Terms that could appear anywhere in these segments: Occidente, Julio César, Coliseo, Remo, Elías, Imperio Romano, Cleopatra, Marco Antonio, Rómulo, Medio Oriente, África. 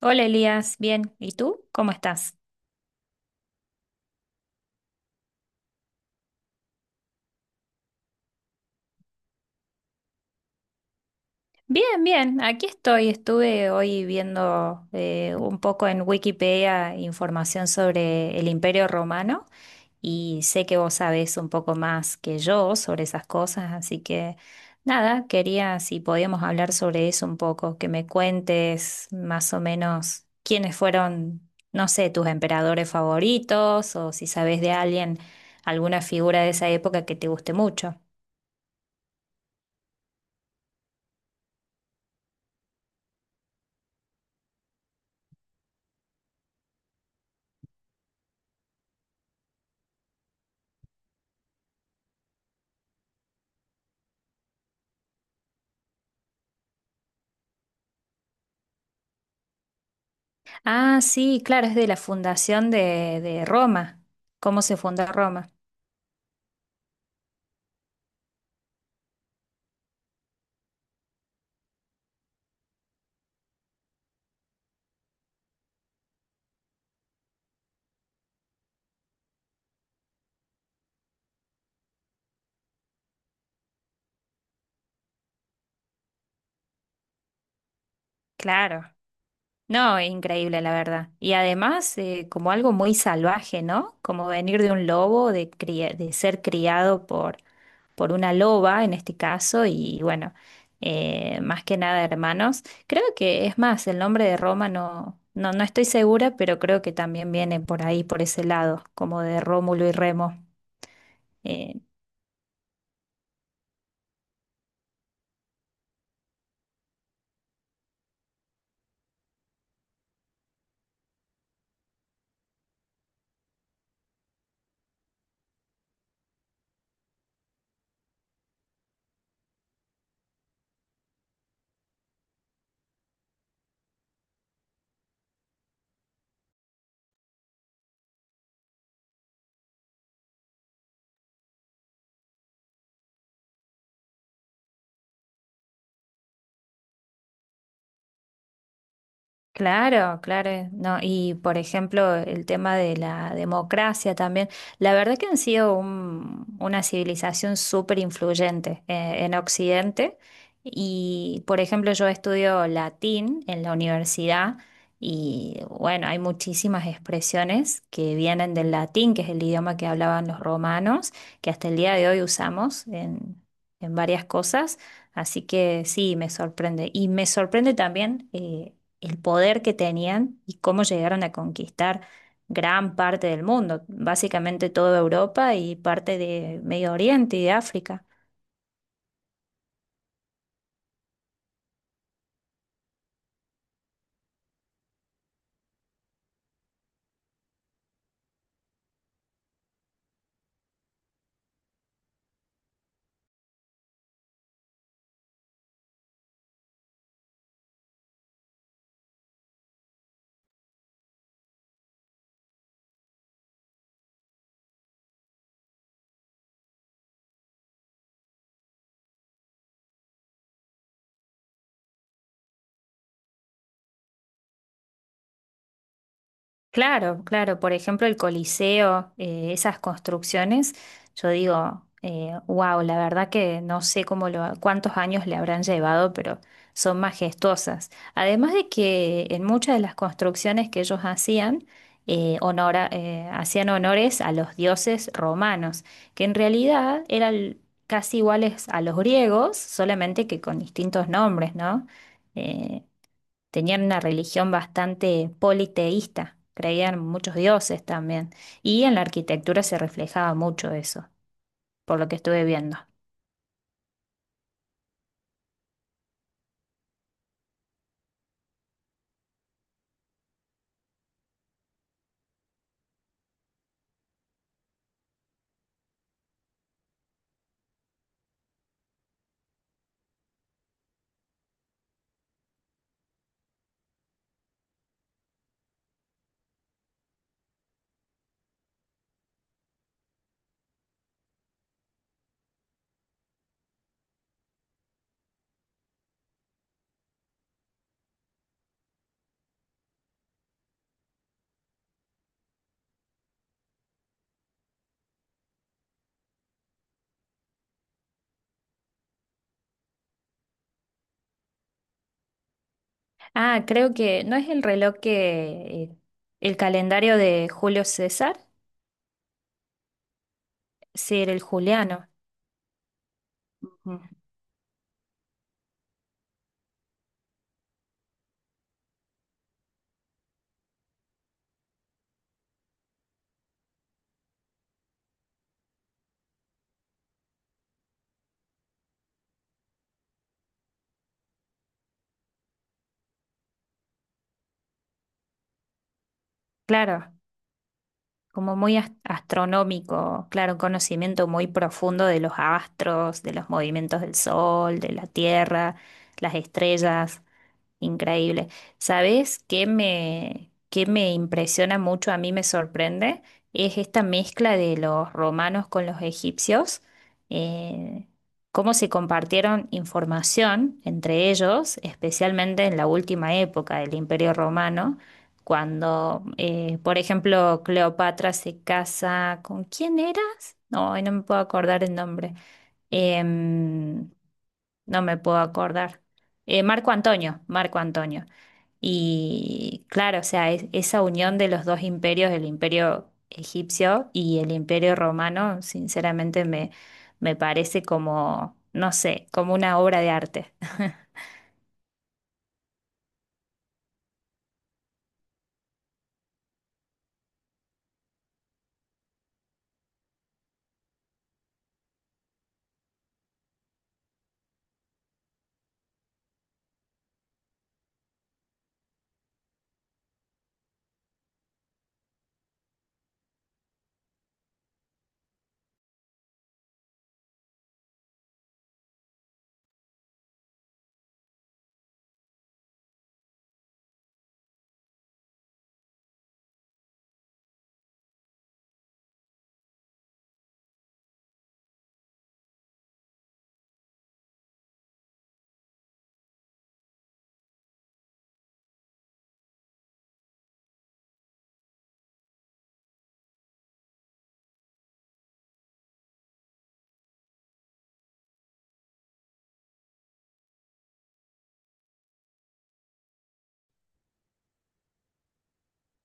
Hola Elías, bien. ¿Y tú? ¿Cómo estás? Bien, bien. Aquí estoy. Estuve hoy viendo un poco en Wikipedia información sobre el Imperio Romano, y sé que vos sabés un poco más que yo sobre esas cosas, así que nada, quería si podíamos hablar sobre eso un poco, que me cuentes más o menos quiénes fueron, no sé, tus emperadores favoritos o si sabés de alguien, alguna figura de esa época que te guste mucho. Ah, sí, claro, es de la fundación de Roma, cómo se fundó Roma. Claro. No, increíble, la verdad. Y además, como algo muy salvaje, ¿no? Como venir de un lobo, de, de ser criado por una loba en este caso, y bueno, más que nada hermanos. Creo que es más, el nombre de Roma no estoy segura, pero creo que también viene por ahí, por ese lado, como de Rómulo y Remo. eh, Claro, claro, no, y por ejemplo el tema de la democracia también, la verdad que han sido una civilización súper influyente en Occidente, y por ejemplo yo estudio latín en la universidad, y bueno, hay muchísimas expresiones que vienen del latín, que es el idioma que hablaban los romanos, que hasta el día de hoy usamos en varias cosas, así que sí, me sorprende y me sorprende también. El poder que tenían y cómo llegaron a conquistar gran parte del mundo, básicamente toda Europa y parte de Medio Oriente y de África. Claro, claro. Por ejemplo, el Coliseo, esas construcciones, yo digo, wow, la verdad que no sé cuántos años le habrán llevado, pero son majestuosas. Además de que en muchas de las construcciones que ellos hacían, hacían honores a los dioses romanos, que en realidad eran casi iguales a los griegos, solamente que con distintos nombres, ¿no? Eh, Tenían una religión bastante politeísta, creían en muchos dioses también, y en la arquitectura se reflejaba mucho eso, por lo que estuve viendo. Ah, creo que no es el reloj que el calendario de Julio César, sí, era el juliano. Ujú. Claro, como muy astronómico, claro, un conocimiento muy profundo de los astros, de los movimientos del sol, de la tierra, las estrellas. Increíble. ¿Sabes qué me impresiona mucho, a mí me sorprende? Es esta mezcla de los romanos con los egipcios, eh, cómo se compartieron información entre ellos, especialmente en la última época del Imperio Romano, cuando, por ejemplo, Cleopatra se casa con... ¿Quién eras? No, hoy no me puedo acordar el nombre. Em, no me puedo acordar. Marco Antonio, Marco Antonio. Y claro, o sea, esa unión de los dos imperios, el imperio egipcio y el imperio romano, sinceramente me parece como, no sé, como una obra de arte.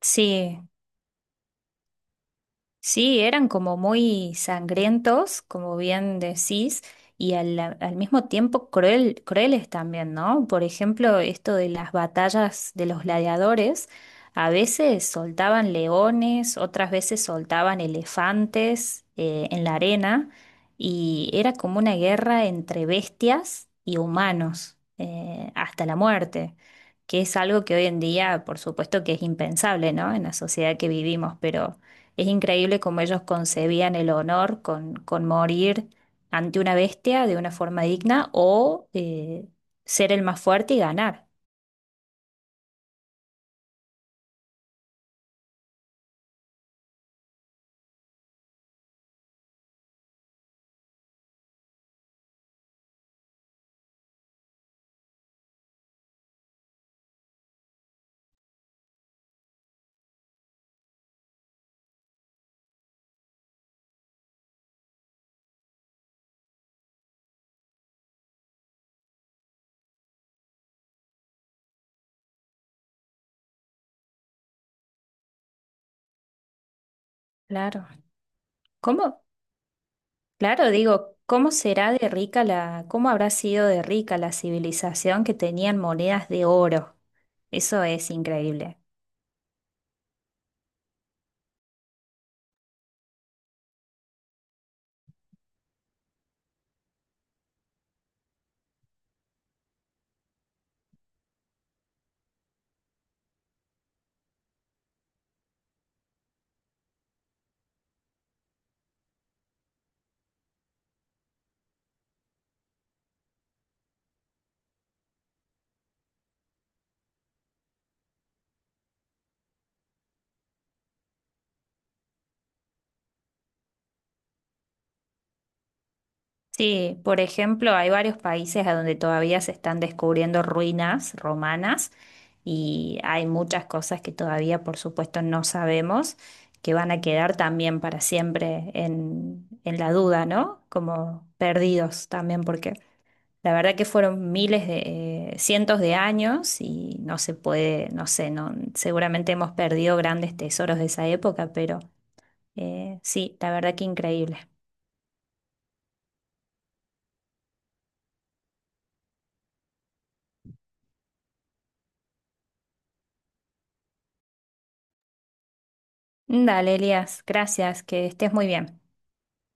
Sí, sí, eran como muy sangrientos, como bien decís, y al mismo tiempo crueles también, ¿no? Por ejemplo, esto de las batallas de los gladiadores, a veces soltaban leones, otras veces soltaban elefantes en la arena, y era como una guerra entre bestias y humanos, hasta la muerte, que es algo que hoy en día, por supuesto que es impensable, ¿no? En la sociedad que vivimos, pero... Es increíble cómo ellos concebían el honor con morir ante una bestia de una forma digna o ser el más fuerte y ganar. Claro. ¿Cómo? Claro, digo, ¿cómo habrá sido de rica la civilización que tenían monedas de oro? Eso es increíble. Sí, por ejemplo, hay varios países a donde todavía se están descubriendo ruinas romanas, y hay muchas cosas que todavía, por supuesto, no sabemos, que van a quedar también para siempre en la duda, ¿no? Como perdidos también, porque la verdad que fueron cientos de años y no se puede, no sé, no, seguramente hemos perdido grandes tesoros de esa época, pero sí, la verdad que increíble. Dale, Elías, gracias, que estés muy bien.